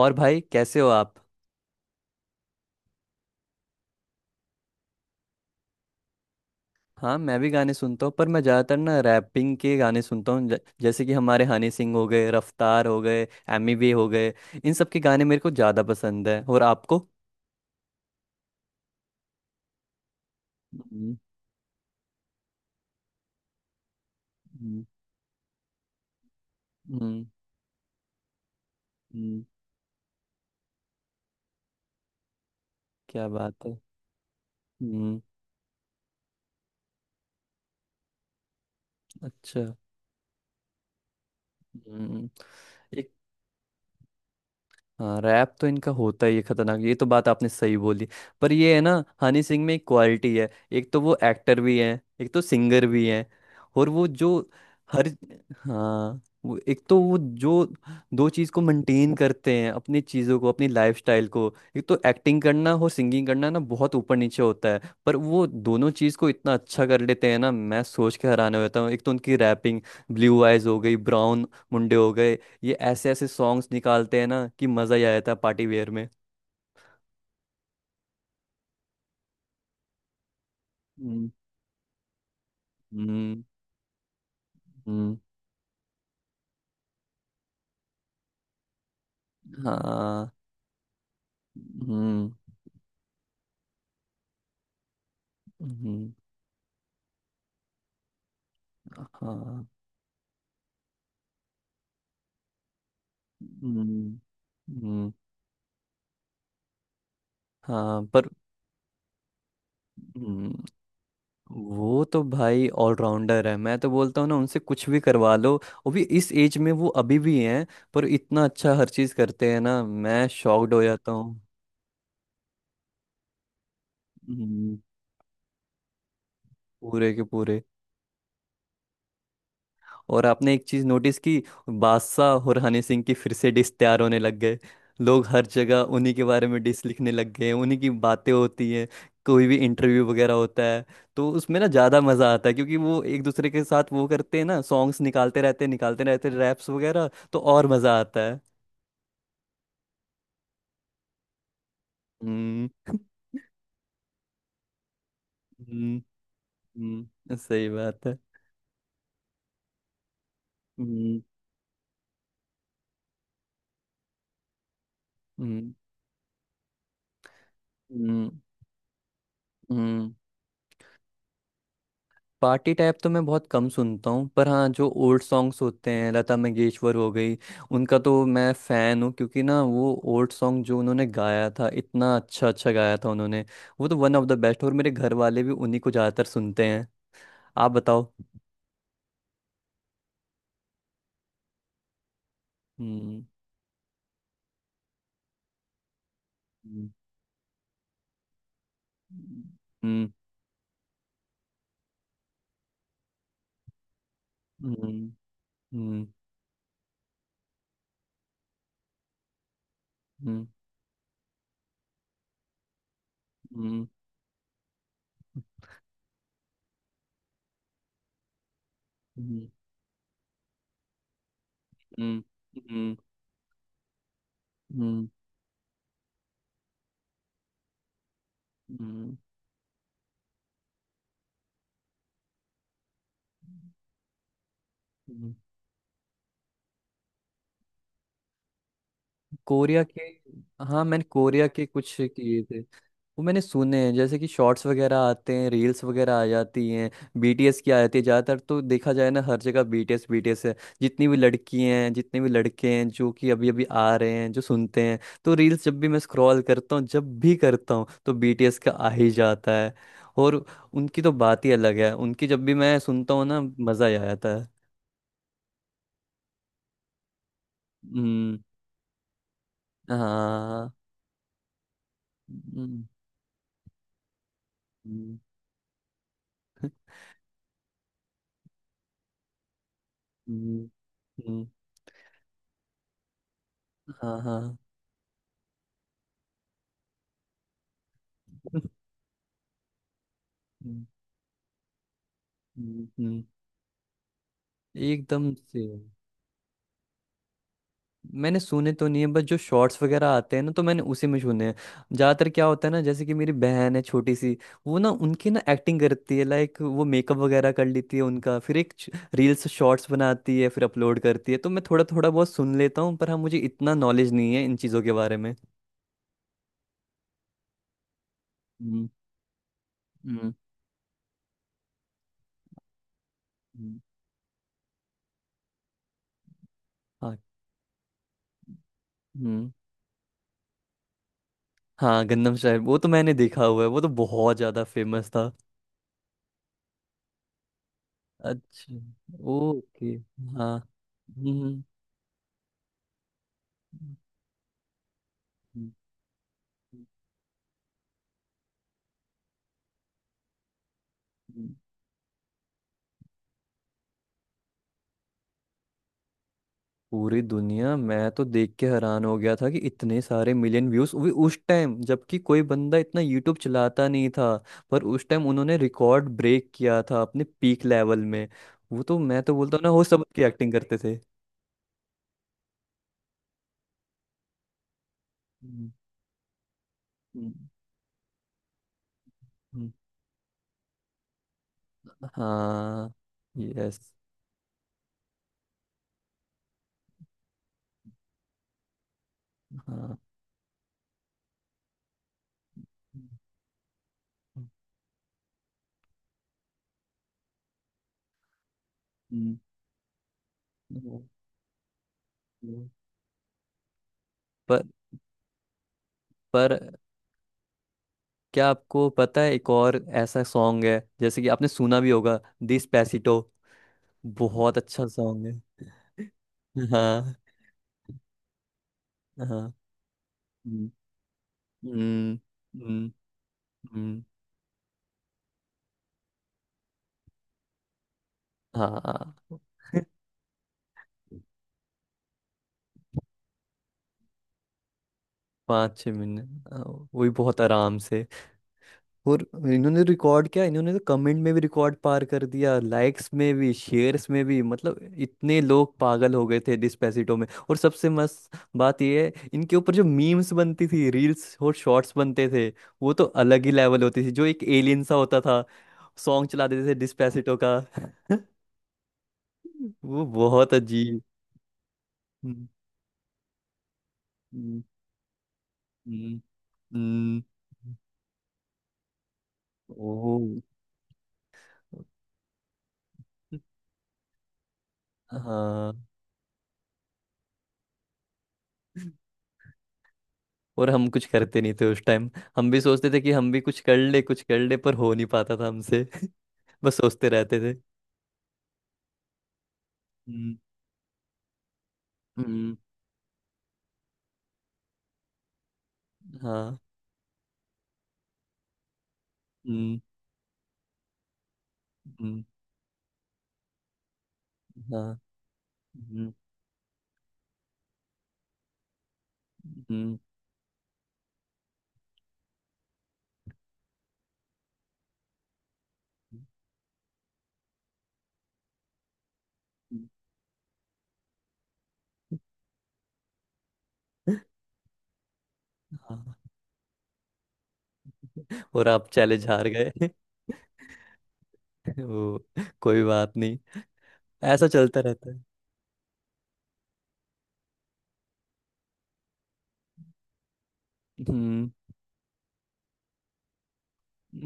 और भाई, कैसे हो आप? हाँ, मैं भी गाने सुनता हूँ पर मैं ज़्यादातर ना रैपिंग के गाने सुनता हूँ। जैसे कि हमारे हनी सिंह हो गए, रफ्तार हो गए, एमी वे हो गए। इन सब के गाने मेरे को ज़्यादा पसंद है। और आपको? हम्म। हम्म। हम्म। हम्म। क्या बात है। हम्म। अच्छा। हम्म। हाँ, रैप तो इनका होता ही है खतरनाक। ये तो बात आपने सही बोली। पर ये है ना, हनी सिंह में एक क्वालिटी है। एक तो वो एक्टर भी हैं, एक तो सिंगर भी हैं। और वो जो हर हाँ, वो एक तो वो जो दो चीज़ को मेंटेन करते हैं, अपनी चीज़ों को, अपनी लाइफस्टाइल को। एक तो एक्टिंग करना और सिंगिंग करना ना बहुत ऊपर नीचे होता है पर वो दोनों चीज़ को इतना अच्छा कर लेते हैं ना, मैं सोच के हैरान हो जाता हूँ। एक तो उनकी रैपिंग, ब्लू आइज हो गई, ब्राउन मुंडे हो गए। ये ऐसे ऐसे सॉन्ग्स निकालते हैं ना कि मजा ही आ जाता है पार्टी वेयर में। हम्म। हम्म। हम्म। हाँ। हम्म। हम्म। हाँ। हम्म। हम्म। हाँ, पर हम्म। वो तो भाई ऑलराउंडर है, मैं तो बोलता हूँ ना, उनसे कुछ भी करवा लो। वो भी इस एज में वो अभी भी हैं पर इतना अच्छा हर चीज़ करते हैं ना, मैं शॉक्ड हो जाता हूँ। हम्म। पूरे के पूरे। और आपने एक चीज नोटिस की, बादशाह और हनी सिंह की फिर से डिस तैयार होने लग गए। लोग हर जगह उन्हीं के बारे में डिस लिखने लग गए, उन्हीं की बातें होती हैं। कोई भी इंटरव्यू वगैरह होता है तो उसमें ना ज़्यादा मज़ा आता है क्योंकि वो एक दूसरे के साथ वो करते हैं ना, सॉन्ग्स निकालते रहते हैं, निकालते रहते हैं रैप्स वगैरह, तो और मज़ा आता है। हम्म। हम्म। सही बात है। हम्म। हम्म। हम्म। हम्म। पार्टी टाइप तो मैं बहुत कम सुनता हूँ पर हाँ, जो ओल्ड सॉन्ग्स होते हैं, लता मंगेशकर हो गई। उनका तो मैं फ़ैन हूँ क्योंकि ना वो ओल्ड सॉन्ग जो उन्होंने गाया था इतना अच्छा अच्छा गाया था उन्होंने। वो तो वन ऑफ द बेस्ट। और मेरे घर वाले भी उन्हीं को ज़्यादातर सुनते हैं। आप बताओ। हम्म। हम्म। हम्म। हम्म। हम्म। हम्म। हम्म। हम्म। हम्म। हम्म। हम्म। हम्म। हम्म। कोरिया के? हाँ, मैंने कोरिया के कुछ किए थे। वो मैंने सुने हैं, जैसे कि शॉर्ट्स वगैरह आते हैं, रील्स वगैरह आ जाती हैं, बीटीएस की आ जाती है ज़्यादातर। तो देखा जाए ना, हर जगह बीटीएस बीटीएस है। जितनी भी लड़की हैं, जितने भी लड़के हैं जो कि अभी अभी आ रहे हैं जो सुनते हैं, तो रील्स जब भी मैं स्क्रॉल करता हूँ, जब भी करता हूँ तो बीटीएस का आ ही जाता है। और उनकी तो बात ही अलग है, उनकी जब भी मैं सुनता हूँ ना, मज़ा ही आ जाता है। हम्म। हाँ। हम्म। हम्म। हम्म। हम्म। हाँ, हाँ। हम्म। हम्म। हम्म। एकदम से मैंने सुने तो नहीं है, बस जो शॉर्ट्स वगैरह आते हैं ना तो मैंने उसी में सुने हैं। ज्यादातर क्या होता है ना, जैसे कि मेरी बहन है छोटी सी, वो ना उनकी ना एक्टिंग करती है, लाइक वो मेकअप वगैरह कर लेती है उनका, फिर एक रील्स शॉर्ट्स बनाती है, फिर अपलोड करती है। तो मैं थोड़ा थोड़ा बहुत सुन लेता हूँ पर हाँ, मुझे इतना नॉलेज नहीं है इन चीज़ों के बारे में। हम्म। हम्म। हम्म। हाँ। हम्म। हाँ, गंदम साहब वो तो मैंने देखा हुआ है, वो तो बहुत ज्यादा फेमस था। अच्छा। ओके। हाँ। हम्म। हम्म। पूरी दुनिया, मैं तो देख के हैरान हो गया था कि इतने सारे मिलियन व्यूज भी उस टाइम, जबकि कोई बंदा इतना यूट्यूब चलाता नहीं था। पर उस टाइम उन्होंने रिकॉर्ड ब्रेक किया था अपने पीक लेवल में। वो तो मैं तो बोलता हूँ ना, हो सब की एक्टिंग करते थे। हम्म। हम्म। हम्म। हाँ। यस। हाँ। हम्म। हम्म। हम्म। हम्म। पर। पर क्या आपको पता है, एक और ऐसा सॉन्ग है जैसे कि आपने सुना भी होगा, डिस्पेसिटो। बहुत अच्छा सॉन्ग है। हाँ। हाँ हम्म। हम्म। हम्म। हम्म। हाँ, पाँच छः मिनट, हाँ, वो भी बहुत आराम से। और इन्होंने रिकॉर्ड किया, इन्होंने तो कमेंट में भी रिकॉर्ड पार कर दिया, लाइक्स में भी, शेयर्स में भी। मतलब इतने लोग पागल हो गए थे डिस्पेसिटो में। और सबसे मस्त बात ये है, इनके ऊपर जो मीम्स बनती थी, रील्स और शॉर्ट्स बनते थे, वो तो अलग ही लेवल होती थी, जो एक एलियन सा होता था, सॉन्ग चला देते थे डिस्पेसिटो का। वो बहुत अजीब। हम्म। हम्म। हम्म। हम्म। ओ। हाँ, और हम कुछ करते नहीं थे उस टाइम। हम भी सोचते थे कि हम भी कुछ कर ले, कुछ कर ले पर हो नहीं पाता था हमसे। बस सोचते रहते थे। हम्म। हम्म। हाँ। हम्म। हम्म। हाँ। हम्म। हम्म। हम्म। हाँ। और आप चैलेंज हार गए। वो, कोई बात नहीं। ऐसा चलता रहता है। हम्म।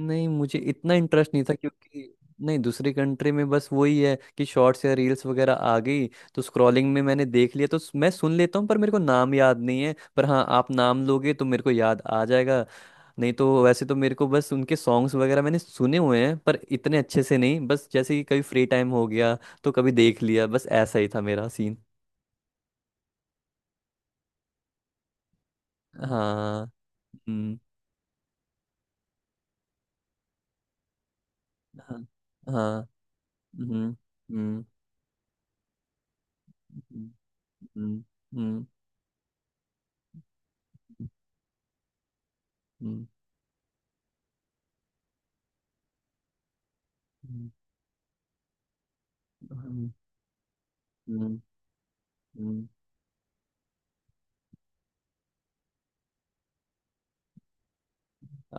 नहीं, मुझे इतना इंटरेस्ट नहीं था, क्योंकि नहीं, दूसरी कंट्री में बस वही है कि शॉर्ट्स या रील्स वगैरह आ गई, तो स्क्रॉलिंग में मैंने देख लिया तो मैं सुन लेता हूँ, पर मेरे को नाम याद नहीं है। पर हाँ, आप नाम लोगे तो मेरे को याद आ जाएगा। नहीं तो वैसे तो मेरे को बस उनके सॉन्ग्स वगैरह मैंने सुने हुए हैं, पर इतने अच्छे से नहीं, बस जैसे कि कभी फ्री टाइम हो गया तो कभी देख लिया, बस ऐसा ही था मेरा सीन। हाँ। हम्म। हाँ। हाँ। हम्म। हम्म। हम्म। हम्म। हम्म। हम्म। हम्म। हम्म। हम्म। हम्म।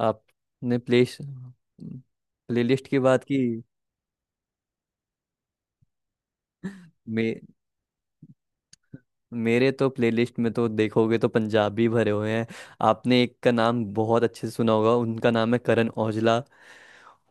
आपने प्ले प्लेलिस्ट की बात की। मे, मेरे तो प्लेलिस्ट में तो देखोगे तो पंजाबी भरे हुए हैं। आपने एक का नाम बहुत अच्छे से सुना होगा, उनका नाम है करण औजला।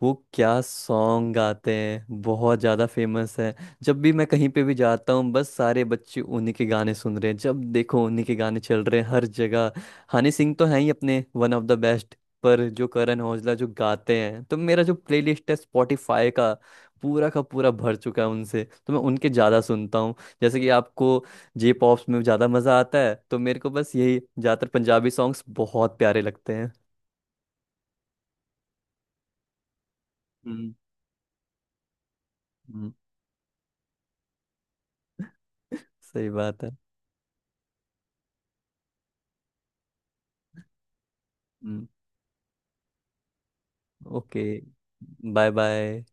वो क्या सॉन्ग गाते हैं, बहुत ज़्यादा फेमस है। जब भी मैं कहीं पे भी जाता हूँ, बस सारे बच्चे उन्हीं के गाने सुन रहे हैं, जब देखो उन्हीं के गाने चल रहे हैं हर जगह। हनी सिंह तो हैं ही अपने वन ऑफ द बेस्ट, पर जो करण औजला जो गाते हैं, तो मेरा जो प्लेलिस्ट है स्पॉटिफाई का, पूरा का पूरा भर चुका है उनसे, तो मैं उनके ज़्यादा सुनता हूँ। जैसे कि आपको जे पॉप्स में ज़्यादा मज़ा आता है, तो मेरे को बस यही, ज़्यादातर पंजाबी सॉन्ग्स बहुत प्यारे लगते हैं। हम्म। हम्म, सही बात है। हम्म। ओके। Bye bye.